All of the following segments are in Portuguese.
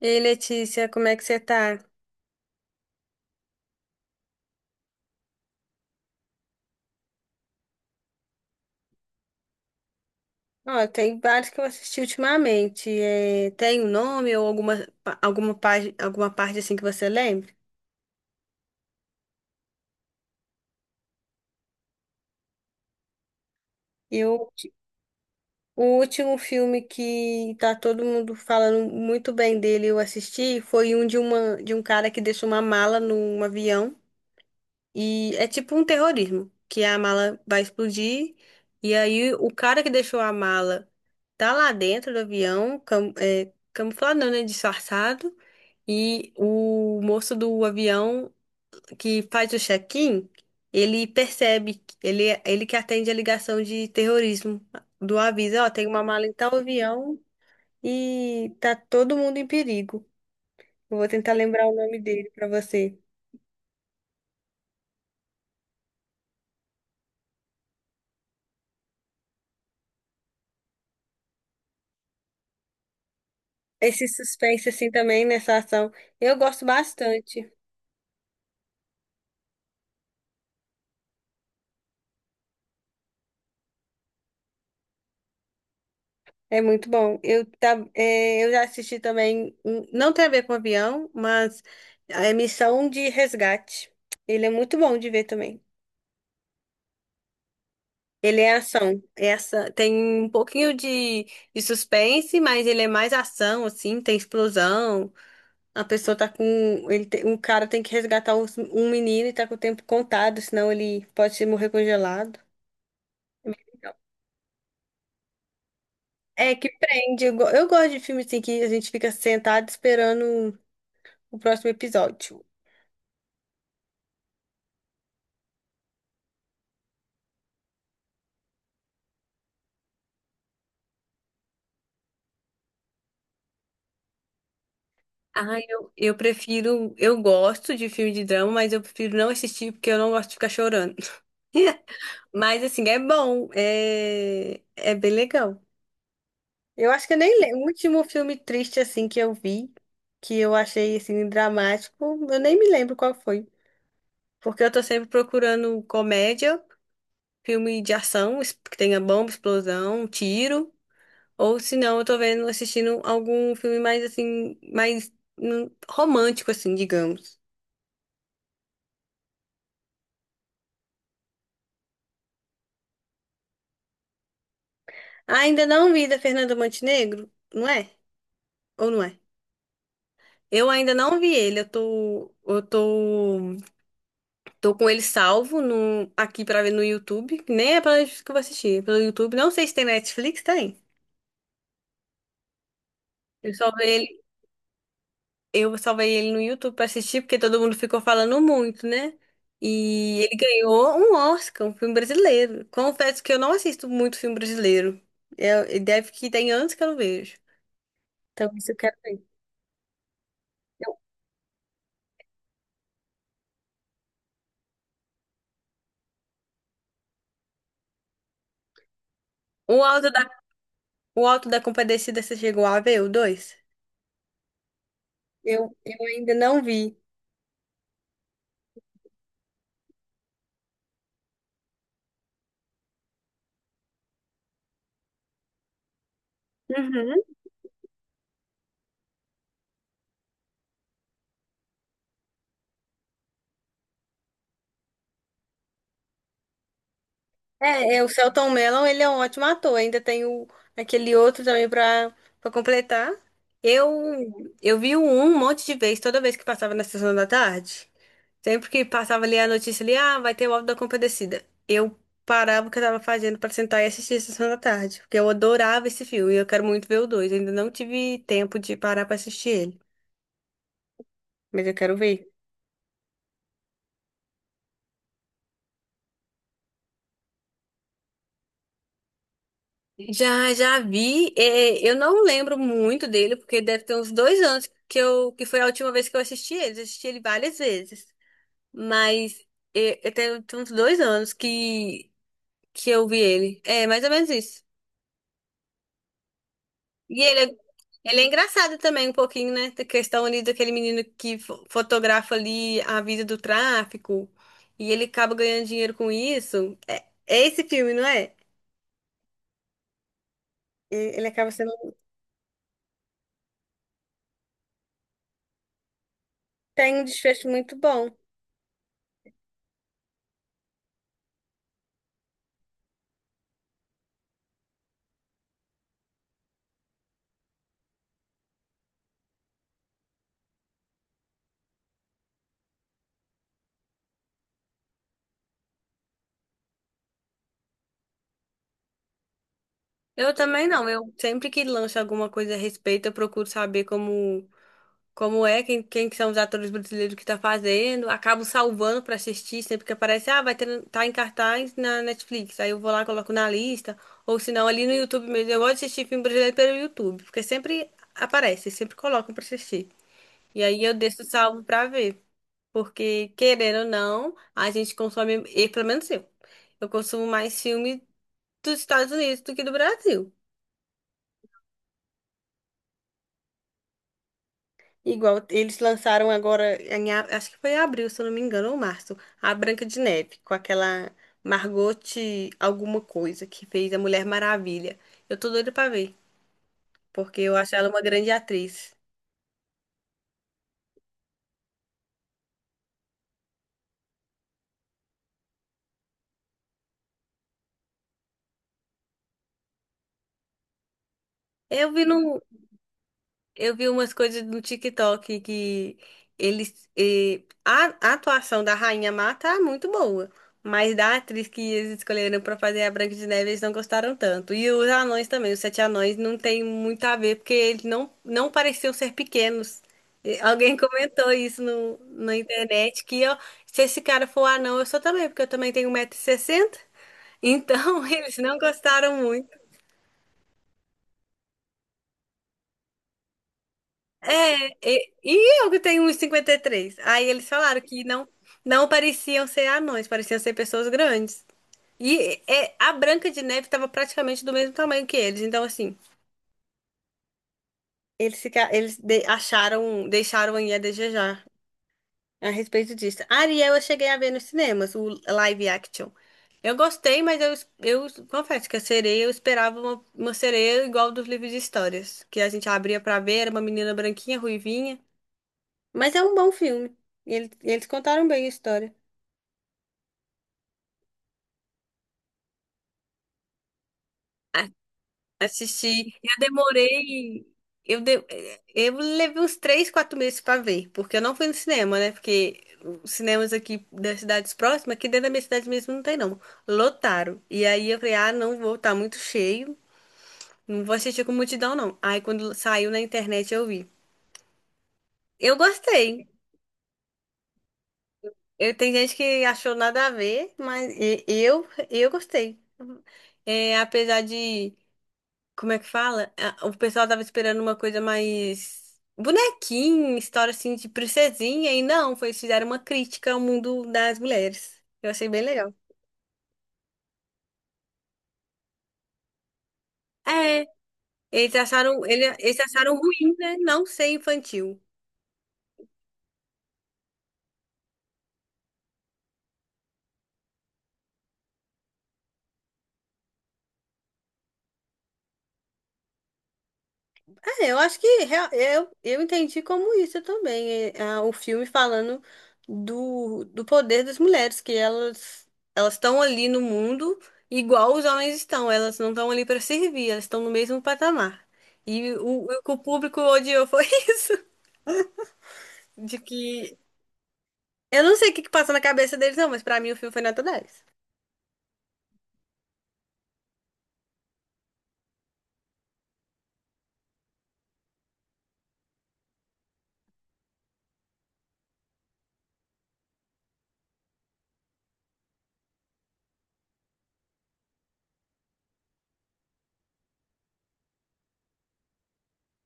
Ei, Letícia, como é que você tá? Ó, tem vários que eu assisti ultimamente. É, tem um nome ou página, alguma parte assim que você lembra? Eu o, último filme que tá todo mundo falando muito bem dele, eu assisti, foi um de um cara que deixou uma mala num avião. E é tipo um terrorismo, que a mala vai explodir. E aí o cara que deixou a mala tá lá dentro do avião, camuflado, não, né? Disfarçado. E o moço do avião que faz o check-in, ele percebe, ele que atende a ligação de terrorismo do aviso, ó, tem uma mala em tal avião e tá todo mundo em perigo. Eu vou tentar lembrar o nome dele pra você. Esse suspense assim também nessa ação, eu gosto bastante. É muito bom. Eu já assisti também, não tem a ver com avião, mas a Missão de Resgate. Ele é muito bom de ver também. Ele é ação. Essa tem um pouquinho de suspense, mas ele é mais ação, assim, tem explosão. A pessoa tá com. Um cara tem que resgatar um menino e tá com o tempo contado, senão ele pode se morrer congelado. É bem legal. É que prende. Eu gosto de filme assim que a gente fica sentado esperando o próximo episódio. Eu prefiro. Eu gosto de filme de drama, mas eu prefiro não assistir porque eu não gosto de ficar chorando. Mas, assim, é bom. É, é bem legal. Eu acho que eu nem lembro. O último filme triste, assim, que eu vi, que eu achei, assim, dramático, eu nem me lembro qual foi. Porque eu tô sempre procurando comédia, filme de ação, que tenha bomba, explosão, tiro. Ou, se não, eu tô vendo, assistindo algum filme mais, assim, mais romântico, assim, digamos. Ainda não vi da Fernanda Montenegro, não é? Ou não é? Eu ainda não vi ele, eu tô, tô com ele salvo no, aqui pra ver no YouTube, que nem é pela Netflix que eu vou assistir, é pelo YouTube. Não sei se tem Netflix, tem. Eu salvei ele, eu salvei ele no YouTube pra assistir, porque todo mundo ficou falando muito, né? E ele ganhou um Oscar, um filme brasileiro. Confesso que eu não assisto muito filme brasileiro. Deve que tem anos que eu não vejo. Então, isso eu quero ver. O Alto O Alto da Compadecida, você chegou a ver o 2? Eu ainda não vi. Uhum. É, é, o Selton Mello, ele é um ótimo ator. Ainda tem o, aquele outro também pra completar. Eu, eu vi o um monte de vezes, toda vez que passava na sessão da tarde. Sempre que passava ali a notícia ali, ah, vai ter o Auto da Compadecida. Eu parava o que eu tava fazendo pra sentar e assistir a sessão da tarde, porque eu adorava esse filme e eu quero muito ver o dois. Ainda não tive tempo de parar pra assistir ele, mas eu quero ver. Já, já vi. É, eu não lembro muito dele, porque deve ter uns 2 anos que eu, que foi a última vez que eu assisti ele. Eu assisti ele várias vezes. Mas é, é, tem uns 2 anos que eu vi ele. É, mais ou menos isso. E ele é, ele é engraçado também um pouquinho, né? Da questão ali daquele menino que fotografa ali a vida do tráfico. E ele acaba ganhando dinheiro com isso. É, é esse filme, não é? Ele acaba sendo... Tem um desfecho muito bom. Eu também não. Eu sempre que lanço alguma coisa a respeito, eu procuro saber como, como é, quem, quem que são os atores brasileiros que tá fazendo. Acabo salvando pra assistir sempre que aparece. Ah, vai ter, tá em cartaz na Netflix. Aí eu vou lá, coloco na lista. Ou se não, ali no YouTube mesmo. Eu gosto de assistir filme brasileiro pelo YouTube, porque sempre aparece, sempre colocam pra assistir. E aí eu deixo salvo pra ver. Porque, querendo ou não, a gente consome, e pelo menos eu consumo mais filme dos Estados Unidos do que do Brasil. Igual eles lançaram agora, em acho que foi em abril, se eu não me engano, ou março, a Branca de Neve, com aquela Margot alguma coisa que fez a Mulher Maravilha. Eu tô doida pra ver, porque eu acho ela uma grande atriz. Eu vi no, Eu vi umas coisas no TikTok que a atuação da Rainha Má tá muito boa. Mas da atriz que eles escolheram pra fazer a Branca de Neve, eles não gostaram tanto. E os anões também, os sete anões, não tem muito a ver, porque eles não, não pareciam ser pequenos. E alguém comentou isso no, na internet, que ó, se esse cara for anão, eu sou também, porque eu também tenho 1,60 m. Então, eles não gostaram. E eu que tenho uns 53. Aí eles falaram que não, não pareciam ser anões, pareciam ser pessoas grandes. E é, a Branca de Neve estava praticamente do mesmo tamanho que eles. Então, assim, eles, fica, eles de- acharam, deixaram aí a desejar a respeito disso. Ariel, eu cheguei a ver nos cinemas, o live action. Eu gostei, mas eu confesso que a sereia, eu esperava uma sereia igual dos livros de histórias, que a gente abria pra ver, era uma menina branquinha, ruivinha. Mas é um bom filme. Eles contaram bem a história. A- Assisti. Eu demorei. Eu, de- eu levei uns 3, 4 meses pra ver, porque eu não fui no cinema, né? Porque os cinemas aqui das cidades próximas, aqui dentro da minha cidade mesmo, não tem, não. Lotaram. E aí eu falei, ah, não vou, tá muito cheio. Não vou assistir com multidão, não. Aí quando saiu na internet eu vi. Eu gostei. Eu, tem gente que achou nada a ver, mas eu gostei. É, apesar de. Como é que fala? Ah, o pessoal tava esperando uma coisa mais bonequinha, história assim de princesinha, e não, foi, eles fizeram uma crítica ao mundo das mulheres. Eu achei bem legal. É, eles acharam ruim, né? Não ser infantil. É, eu acho que eu entendi como isso também. É, ah, o filme falando do poder das mulheres, que elas estão ali no mundo igual os homens estão. Elas não estão ali para servir, elas estão no mesmo patamar. E o que o público odiou foi isso. De que. Eu não sei o que que passa na cabeça deles, não, mas para mim o filme foi nota 10.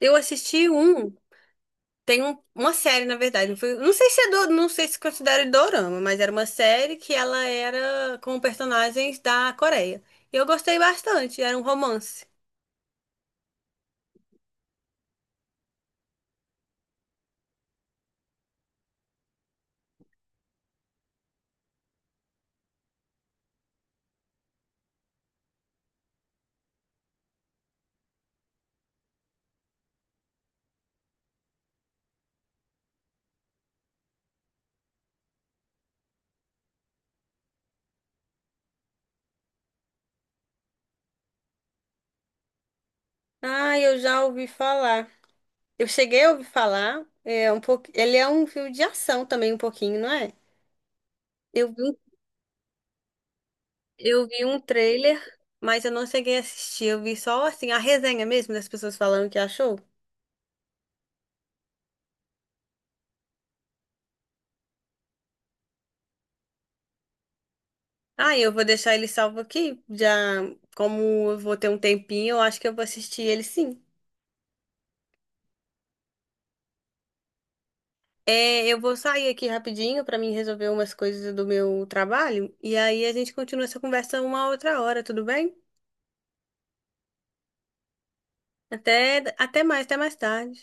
Eu assisti um. Uma série, na verdade. Não, não sei se é do, não sei se considera dorama, mas era uma série que ela era com personagens da Coreia. E eu gostei bastante, era um romance. Ah, eu já ouvi falar. Eu cheguei a ouvir falar. É um pouco, ele é um filme de ação também, um pouquinho, não é? Eu vi, um- eu vi um trailer, mas eu não cheguei a assistir. Eu vi só assim a resenha mesmo das pessoas falando que achou. Ah, eu vou deixar ele salvo aqui. Já, como eu vou ter um tempinho, eu acho que eu vou assistir ele sim. É, eu vou sair aqui rapidinho para mim resolver umas coisas do meu trabalho e aí a gente continua essa conversa uma outra hora, tudo bem? Até, até mais tarde.